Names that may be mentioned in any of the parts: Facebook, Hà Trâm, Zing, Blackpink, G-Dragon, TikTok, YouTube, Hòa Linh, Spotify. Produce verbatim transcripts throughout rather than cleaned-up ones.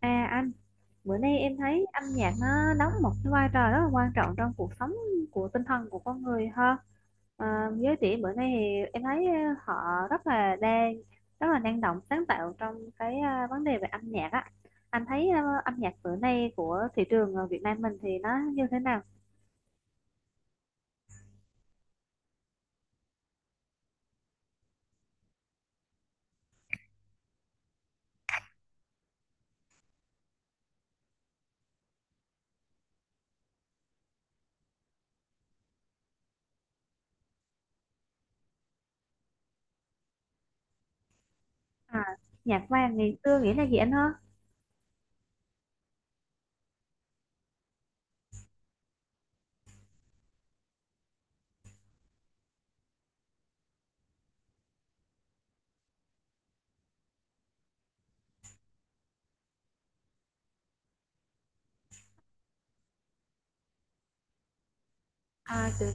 À anh, bữa nay em thấy âm nhạc nó đóng một cái vai trò rất là quan trọng trong cuộc sống của tinh thần của con người ha. À, giới trẻ bữa nay thì em thấy ờ, họ rất là đang rất là năng động sáng tạo trong cái ờ, vấn đề về âm nhạc á. Anh thấy ờ, âm nhạc bữa nay của thị trường ờ, Việt Nam mình thì nó như thế nào? À, nhạc vàng ngày xưa nghĩa là gì anh ha? À, từ,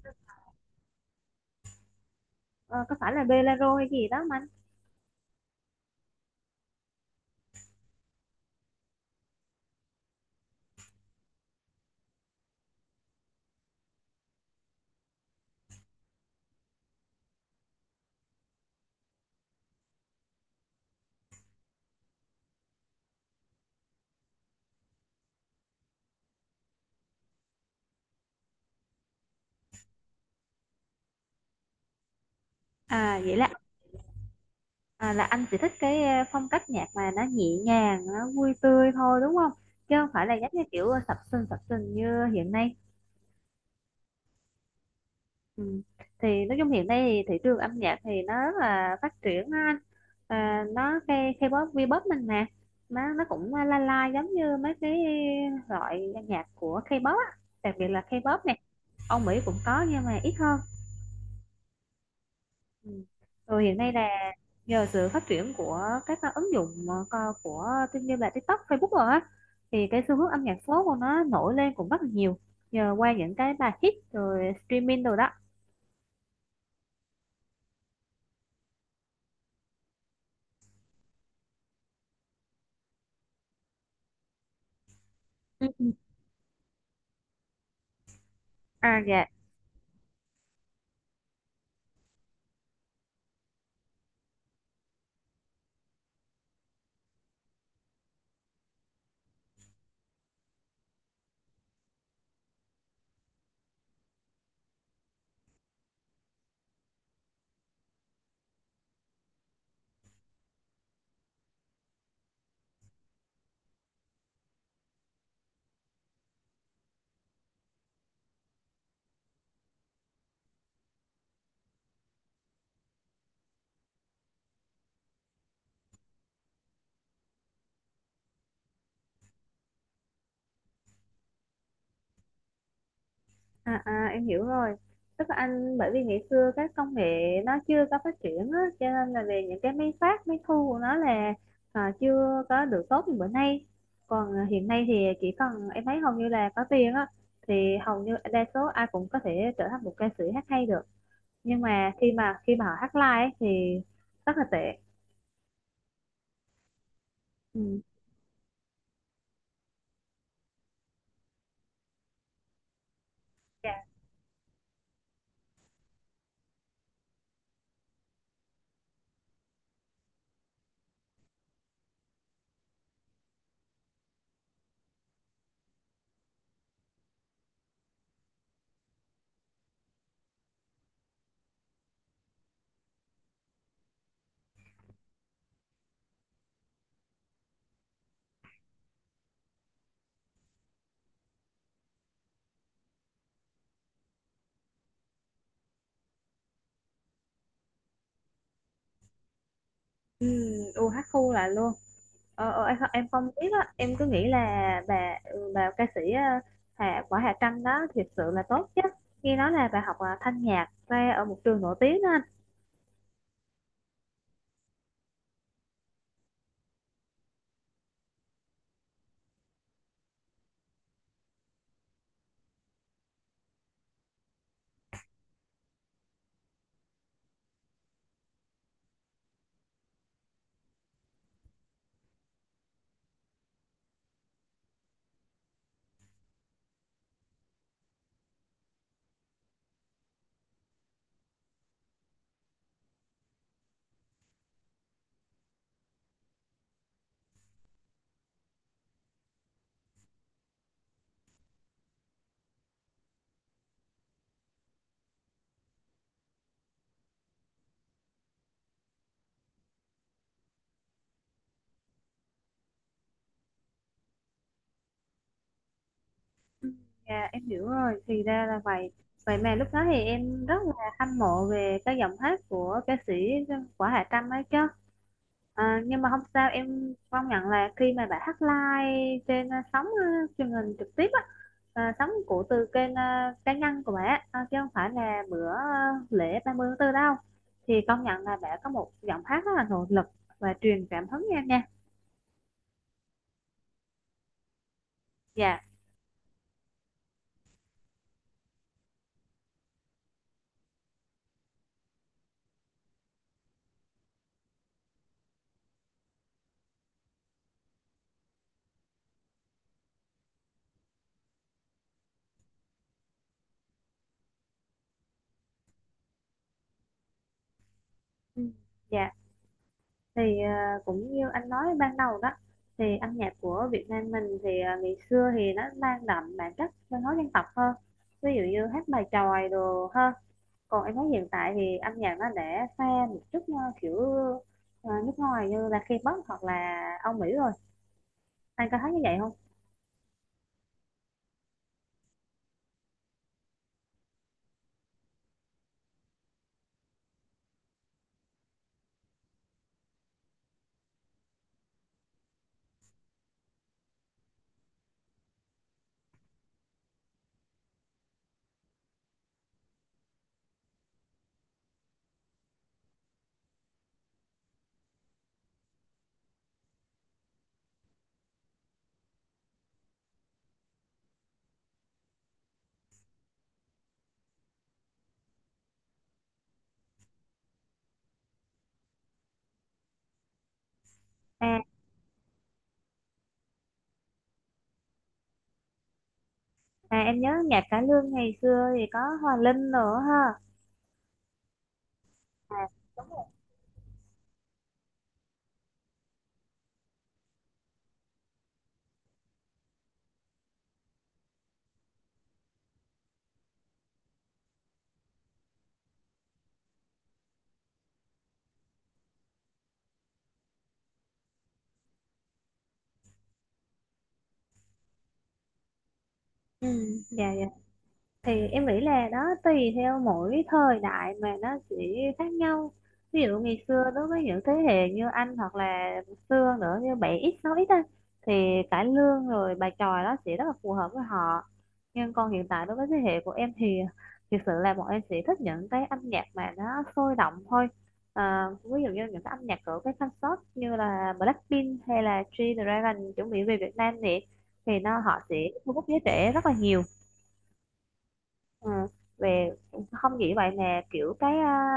ờ, có phải là bolero hay gì đó mà anh? À vậy là À, là anh chỉ thích cái ờ, phong cách nhạc mà nó nhẹ nhàng, nó vui tươi thôi đúng không? Chứ không phải là giống như kiểu ờ, sập sình sập sình như hiện nay. Ừ. Thì nói chung hiện nay thì thị trường âm nhạc thì nó rất là phát triển á anh. À, nó cái K-pop, V-pop mình nè, nó nó cũng ờ, la la giống như mấy cái loại nhạc của K-pop á, đặc biệt là K-pop nè. Âu Mỹ cũng có nhưng mà ít hơn. Ừ. Ừ, hiện nay là nhờ sự phát triển của các ờ, ứng dụng ờ, co- của tin như là TikTok, Facebook rồi á, thì cái xu hướng âm nhạc số của nó nổi lên cũng rất là nhiều nhờ qua những cái bài hit rồi streaming rồi đó. Ừ, ừ. À dạ. À, à em hiểu rồi, tức là anh bởi vì ngày xưa các công nghệ nó chưa có phát triển á, cho nên là về những cái máy phát máy thu của nó là à, chưa có được tốt như bữa nay. Còn à, hiện nay thì chỉ cần em thấy hầu như là có tiền á thì hầu như đa số ai cũng có thể trở thành một ca sĩ hát hay được, nhưng mà khi mà khi mà họ hát live ấy, thì rất là tệ. Ừ. Dạ. Ừ, u hát khu lại luôn. Ờ, ờ, em, không- em không biết á, em cứ nghĩ là bà ừ, bà ca sĩ ờ, Hà Quả Hà Trâm đó thiệt sự là tốt chứ. Nghe nói là bà học ờ, thanh nhạc ra ở một trường nổi tiếng đó anh. Dạ, em hiểu rồi, thì ra là vậy. Vậy mà lúc đó thì em rất là hâm mộ về cái giọng hát của ca sĩ Quả Hà Trâm ấy chứ. À, nhưng mà không sao, em công nhận là khi mà bà hát live trên ờ, sóng ờ, truyền hình trực tiếp á, ờ, sống của từ kênh ờ, cá nhân của mẹ ờ, chứ không phải là bữa ờ, lễ ba mươi tháng tư đâu, thì công nhận là mẹ có một giọng hát rất là nội lực và truyền cảm hứng em nha. Dạ. Ừ, dạ. Thì ờ, cũng như anh nói ban đầu đó, thì âm nhạc của Việt Nam mình thì ờ, ngày xưa thì nó mang đậm bản chất văn hóa dân tộc hơn, ví dụ như hát bài chòi đồ hơn. Còn em thấy hiện tại thì âm nhạc nó đã pha một chút ờ, kiểu ờ, nước ngoài như là K-pop hoặc là Âu Mỹ rồi, anh có thấy như vậy không? À, à em nhớ nhạc cải lương ngày xưa thì có Hòa Linh nữa ha. À, đúng rồi. Ừ, dạ dạ. Thì em nghĩ là đó, tùy theo mỗi thời đại mà nó sẽ khác nhau. Ví dụ ngày xưa đối với những thế hệ như anh hoặc là xưa nữa như bảy x sáu x á, thì cải lương rồi bài chòi đó sẽ rất là phù hợp với họ. Nhưng còn hiện tại đối với thế hệ của em thì thực sự là bọn em sẽ thích những cái âm nhạc mà nó sôi động thôi, à, ví dụ như những cái âm nhạc của cái concert như là Blackpink hay là G-Dragon chuẩn bị về Việt Nam, thì thì nó họ sẽ thu hút giới trẻ rất là nhiều. Ừ. Về không chỉ vậy nè, kiểu cái à,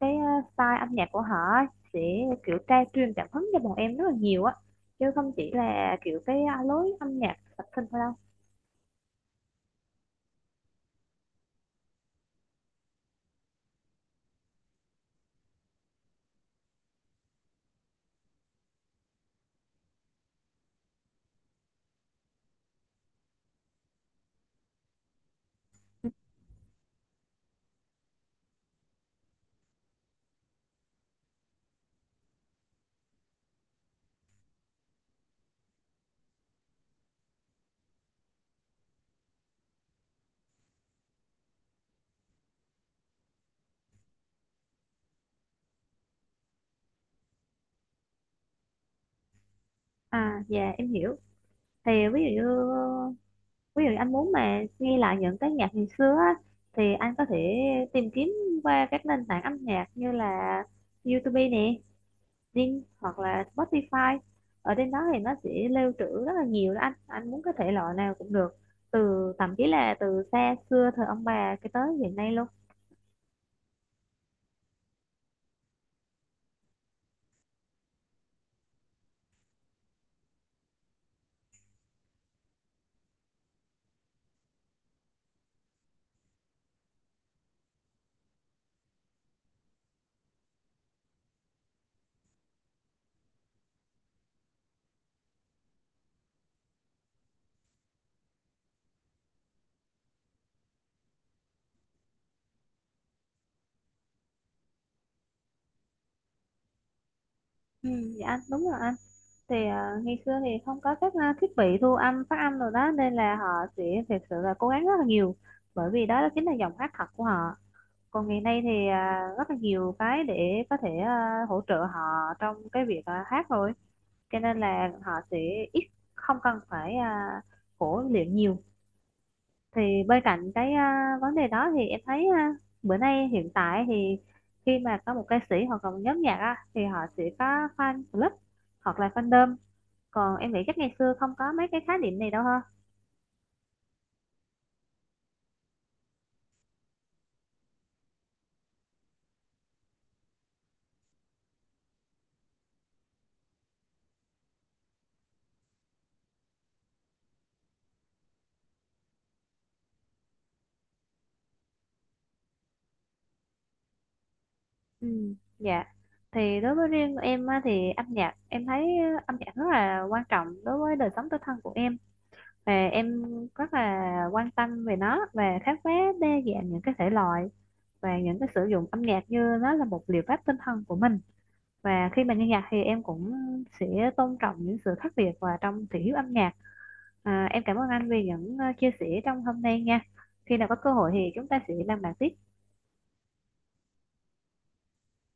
cái à, style âm nhạc của họ á, sẽ kiểu tra truyền cảm hứng cho bọn em rất là nhiều á, chứ không chỉ là kiểu cái à, lối âm nhạc sập sinh thôi đâu. À dạ em hiểu. Thì ví dụ như, ví dụ anh muốn mà nghe lại những cái nhạc ngày xưa á, thì anh có thể tìm kiếm qua các nền tảng âm nhạc như là YouTube nè, Zing hoặc là Spotify. Ở trên đó thì nó sẽ lưu trữ rất là nhiều đó anh anh muốn cái thể loại nào cũng được, từ thậm chí là từ xa xưa thời ông bà cái tới hiện nay luôn. Ừ, dạ anh đúng rồi anh. Thì à, ngày xưa thì không có các à, thiết bị thu âm phát âm rồi đó, nên là họ sẽ thực sự là cố gắng rất là nhiều, bởi vì đó chính là giọng hát thật của họ. Còn ngày nay thì à, rất là nhiều cái để có thể à, hỗ trợ họ trong cái việc à, hát rồi, cho nên là họ sẽ ít, không cần phải à, khổ luyện nhiều. Thì bên cạnh cái à, vấn đề đó thì em thấy à, bữa nay hiện tại thì khi mà có một ca sĩ hoặc là một nhóm nhạc á, thì họ sẽ có fan club hoặc là fandom. Còn em nghĩ chắc ngày xưa không có mấy cái khái niệm này đâu ha. Ừ dạ. Thì đối với riêng em á, thì âm nhạc em thấy ờ, âm nhạc rất là quan trọng đối với đời sống tinh thần của em, và em rất là quan tâm về nó và khám phá đa dạng những cái thể loại, và những cái sử dụng âm nhạc như nó là một liệu pháp tinh thần của mình. Và khi mình nghe nhạc thì em cũng sẽ tôn trọng những sự khác biệt và trong thị hiếu âm nhạc. À, em cảm ơn anh vì những ờ, chia sẻ trong hôm nay nha, khi nào có cơ hội thì chúng ta sẽ làm bạn tiếp.